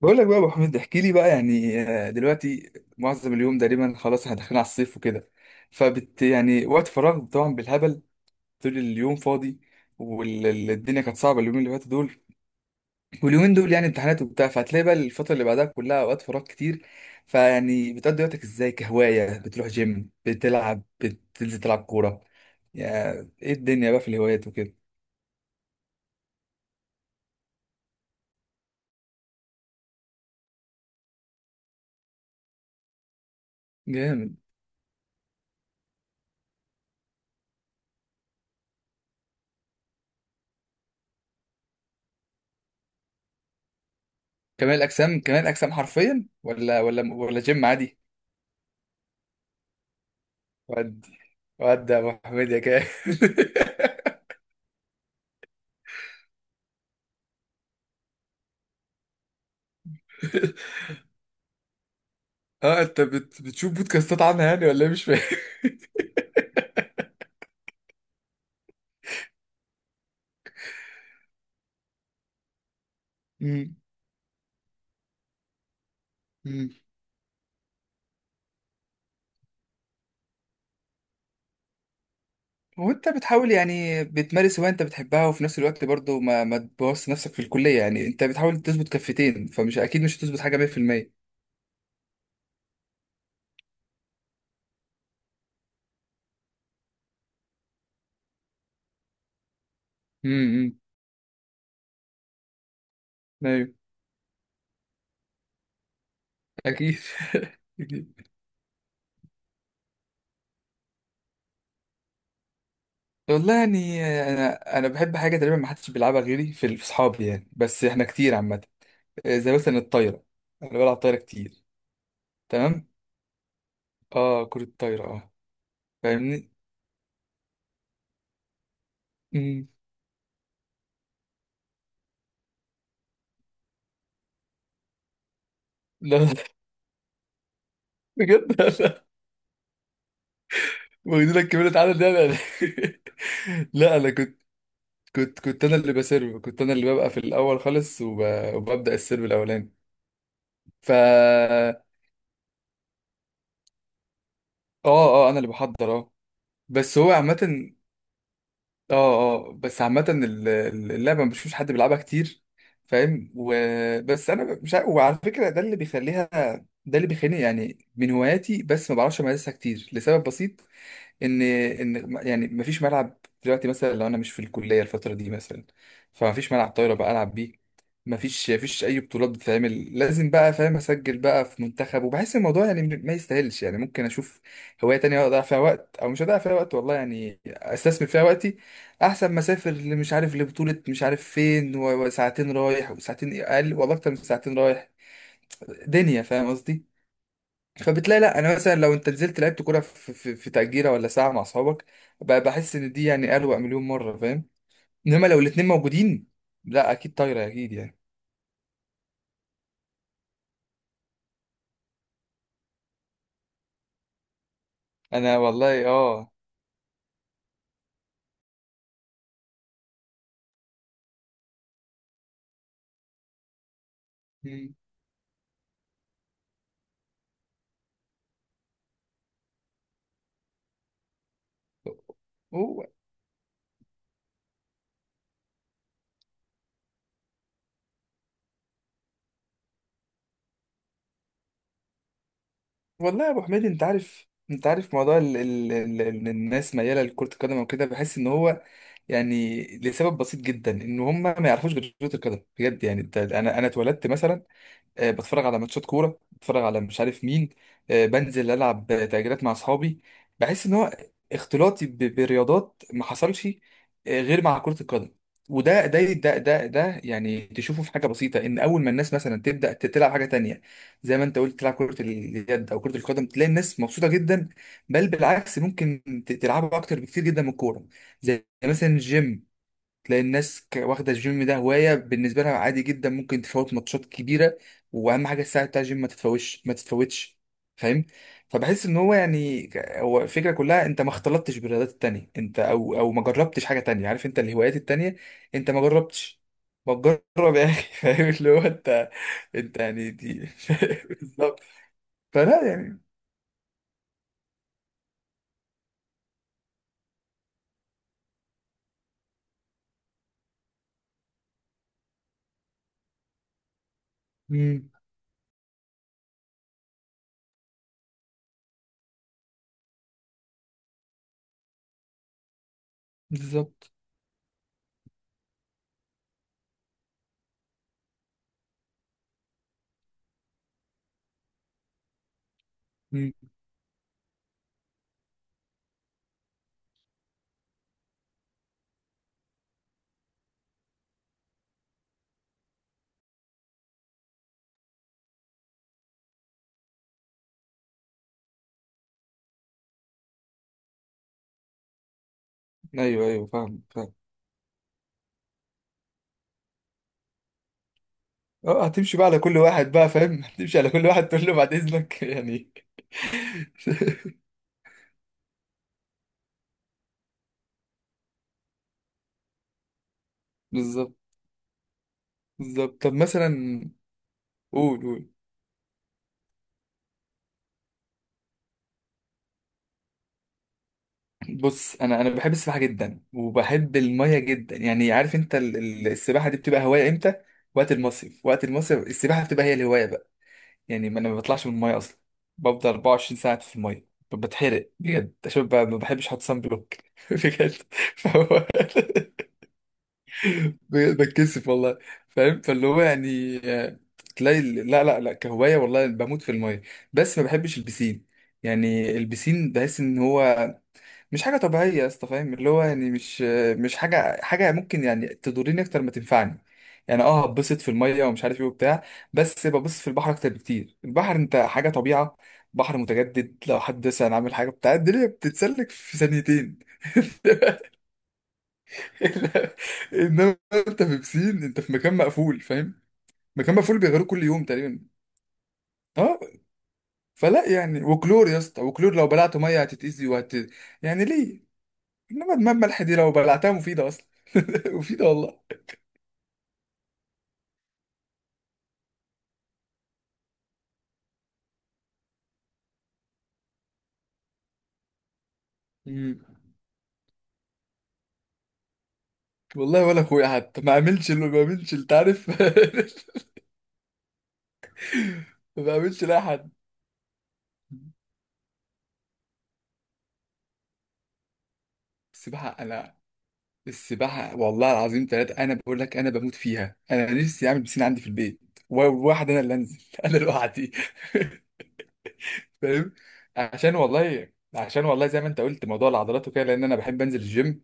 بقول لك بقى يا ابو حميد، احكي لي بقى يعني دلوقتي معظم اليوم تقريبا خلاص احنا داخلين على الصيف وكده، فبت يعني وقت فراغ طبعا بالهبل، طول اليوم فاضي. والدنيا كانت صعبه اليومين اللي فاتوا دول، واليومين دول يعني امتحانات وبتاع. فهتلاقي بقى الفتره اللي بعدها كلها اوقات فراغ كتير. فيعني بتقضي وقتك ازاي؟ كهوايه بتروح جيم، بتلعب، بتنزل تلعب كوره؟ يعني ايه الدنيا بقى في الهوايات وكده؟ جامد. كمال الاجسام كمال الاجسام حرفيا ولا جيم عادي؟ ودي يا ابو حميد يا كده اه، انت بتشوف بودكاستات عنها يعني ولا إيه؟ مش فاهم. مم. مم. وانت بتحاول يعني بتمارس هواية انت بتحبها، وفي نفس الوقت برضو ما تبوظ نفسك في الكلية، يعني انت بتحاول تظبط كفتين، فمش اكيد مش هتظبط حاجة 100%. مم. ايوه اكيد أكيد. والله يعني انا بحب حاجة تقريبا ما حدش بيلعبها غيري في اصحابي يعني، بس احنا كتير عامة. زي مثلا الطايرة. انا بلعب طايرة كتير. تمام. اه، كرة الطايرة، اه. فاهمني. لا، لا، بجد انا. واخدين لك كمية عدد ده؟ لا، لا، لا، انا كنت. كنت انا اللي بسيرف، كنت انا اللي ببقى في الاول خالص وببدا السيرف الاولاني. فا اه، اه، انا اللي بحضر، اه. بس هو عامه، اه. اه، بس عامه اللعبه ما بشوفش حد بيلعبها كتير، فاهم؟ وبس انا مش عارف، وعلى فكره ده اللي بيخليها، ده اللي بيخليني يعني من هواياتي. بس ما بعرفش امارسها كتير لسبب بسيط، ان يعني مفيش ملعب. دلوقتي مثلا لو انا مش في الكليه الفتره دي مثلا، فمفيش ملعب طايره بقى العب بيه. مفيش اي بطولات بتتعمل، لازم بقى، فاهم، اسجل بقى في منتخب، وبحس الموضوع يعني ما يستاهلش، يعني ممكن اشوف هوايه تانية اضيع فيها وقت، او مش هضيع فيها وقت والله، يعني استثمر فيها وقتي، احسن ما اسافر اللي مش عارف لبطوله مش عارف فين، وساعتين رايح وساعتين اقل، والله اكتر من ساعتين رايح، دنيا، فاهم قصدي؟ فبتلاقي لا انا مثلا لو انت نزلت لعبت كوره في تأجيرة ولا ساعه مع اصحابك، بحس ان دي يعني اروق مليون مره، فاهم؟ انما لو الاتنين موجودين، لا اكيد طايره اكيد يعني. انا والله اه. مم. و- والله يا ابو حميد، انت عارف موضوع ال ال ال ال الناس مياله لكره القدم وكده، بحس ان هو يعني لسبب بسيط جدا ان هم ما يعرفوش غير كره القدم بجد. يعني انت، انا اتولدت مثلا، بتفرج على ماتشات كوره، بتفرج على مش عارف مين، بنزل العب تأجيرات مع اصحابي. بحس ان هو اختلاطي برياضات ما حصلش غير مع كره القدم. وده ده ده ده ده يعني تشوفه في حاجه بسيطه، ان اول ما الناس مثلا تبدا تلعب حاجه تانية، زي ما انت قلت، تلعب كره اليد او كره القدم، تلاقي الناس مبسوطه جدا، بل بالعكس ممكن تلعبوا اكتر بكتير جدا من الكوره. زي مثلا الجيم، تلاقي الناس واخده الجيم ده هوايه بالنسبه لها عادي جدا، ممكن تفوت ماتشات كبيره، واهم حاجه الساعه بتاع الجيم ما تتفوتش ما تتفوتش، فاهم؟ فبحس ان هو يعني هو الفكره كلها، انت ما اختلطتش بالرياضات التانية، انت او ما جربتش حاجه تانية، عارف انت الهوايات التانية انت ما جربتش. ما تجرب يا اخي فاهم اللي هو انت، انت يعني دي بالظبط. فلا يعني. امم. بالظبط. امم. ايوه، ايوه، فاهم، فاهم. اه هتمشي بقى على كل واحد بقى، فاهم هتمشي على كل واحد تقول له بعد اذنك يعني. بالظبط. بالظبط. طب مثلا قول قول. بص، انا بحب السباحه جدا وبحب الميه جدا، يعني عارف انت السباحه دي بتبقى هوايه امتى؟ وقت المصيف، وقت المصيف السباحه بتبقى هي الهوايه بقى. يعني ما انا ما بطلعش من الميه اصلا، بفضل 24 ساعه في الميه بتحرق بجد عشان ما بحبش احط صن بلوك بجد، فهو ب- بتكسف والله، فاهم؟ فاللي هو يعني تلاقي لا، لا، لا، كهواية والله بموت في المية. بس ما بحبش البسين، يعني البسين بحس ان هو مش حاجة طبيعية يا اسطى، فاهم اللي هو يعني مش مش حاجة ممكن يعني تضرني اكتر ما تنفعني، يعني هتبسط في المية ومش عارف ايه وبتاع، بس ببص في البحر اكتر بكتير، البحر انت حاجة طبيعة، بحر متجدد، لو حد مثلا عامل حاجة بتاع الدنيا بتتسلك في ثانيتين لا، انما انت في بسين، انت في مكان مقفول، فاهم؟ مكان مقفول بيغيروه كل يوم تقريبا. اه، فلا يعني، وكلور يا اسطى، وكلور لو بلعته ميه هتتأذي وهت، يعني ليه؟ انما دماغ ملح دي لو بلعتها مفيده اصلا مفيده والله. مم. والله ولا اخويا حتى ما اعملش، اللي ما بعملش انت عارف ما بعملش لاي حد. السباحه انا، السباحه والله العظيم ثلاثه، انا بقول لك انا بموت فيها. انا نفسي اعمل بسين عندي في البيت، وواحد انا اللي انزل انا لوحدي فاهم؟ عشان والله زي ما انت قلت موضوع العضلات وكده، لان انا بحب انزل الجيم،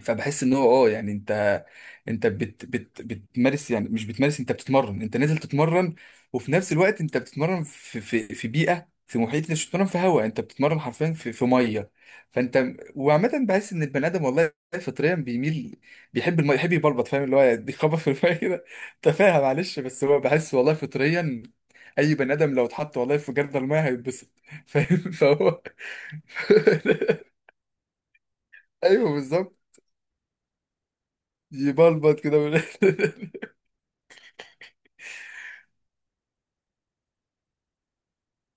فبحس ان هو يعني انت، انت بت بت بتمارس يعني، مش بتمارس، انت بتتمرن، انت نازل تتمرن، وفي نفس الوقت انت بتتمرن في بيئه، في محيط، انت مش بتتمرن في هواء، انت بتتمرن حرفيا في ميه. فانت، وعامه بحس ان البني ادم والله فطريا بيميل، بيحب الميه، يحب يبلبط، فاهم اللي هو يخبط في الميه كده. تفاهه معلش بس هو بحس والله فطريا اي بني ادم لو اتحط والله في جردل الميه هيتبسط، فاهم؟ فهو ايوه بالظبط، يبلبط كده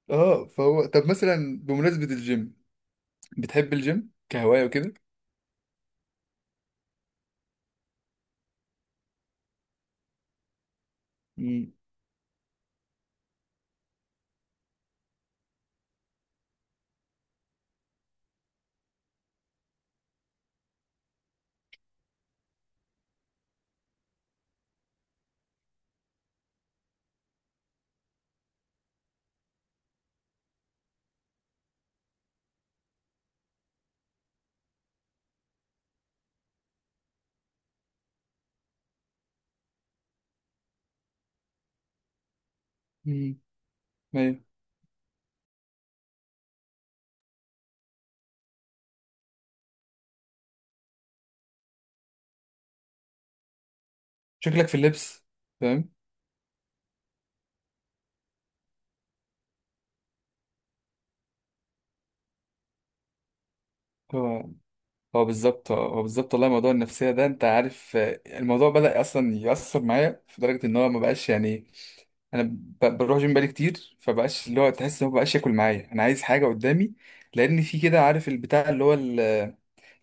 اه، فهو طب مثلا بمناسبة الجيم، بتحب الجيم كهواية وكده. امم. امم. ايوه. شكلك في اللبس، فاهم؟ هو، هو بالظبط، هو بالظبط، والله موضوع النفسية ده انت عارف، الموضوع بدأ اصلا يأثر معايا في درجة ان هو ما بقاش يعني، انا بروح جيم بقالي كتير، فبقاش اللي هو تحس ان هو بقاش ياكل معايا، انا عايز حاجة قدامي، لان في كده عارف البتاع اللي هو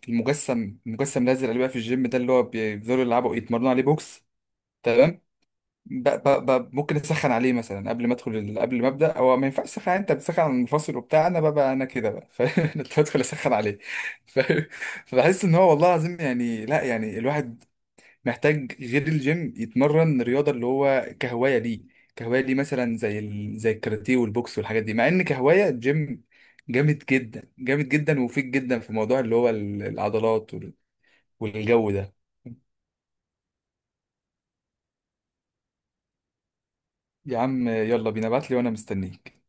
المجسم الازرق اللي بقى في الجيم ده اللي هو بيفضلوا يلعبوا يتمرنوا عليه بوكس. تمام. ممكن اسخن عليه مثلا قبل ما ادخل قبل ما ابدا. هو ما ينفعش تسخن، انت بتسخن على المنفصل وبتاع، انا بقى انا كده بقى، فاهم انت بدخل اسخن عليه، فاهم؟ فبحس ان هو والله العظيم يعني لا، يعني الواحد محتاج غير الجيم يتمرن رياضه اللي هو كهوايه ليه، كهوايه ليه مثلا زي زي الكاراتيه والبوكس والحاجات دي، مع ان كهوايه الجيم جامد جدا جامد جدا ومفيد جدا في موضوع اللي هو العضلات والجو ده. يا عم يلا بينا، ابعت لي وانا مستنيك.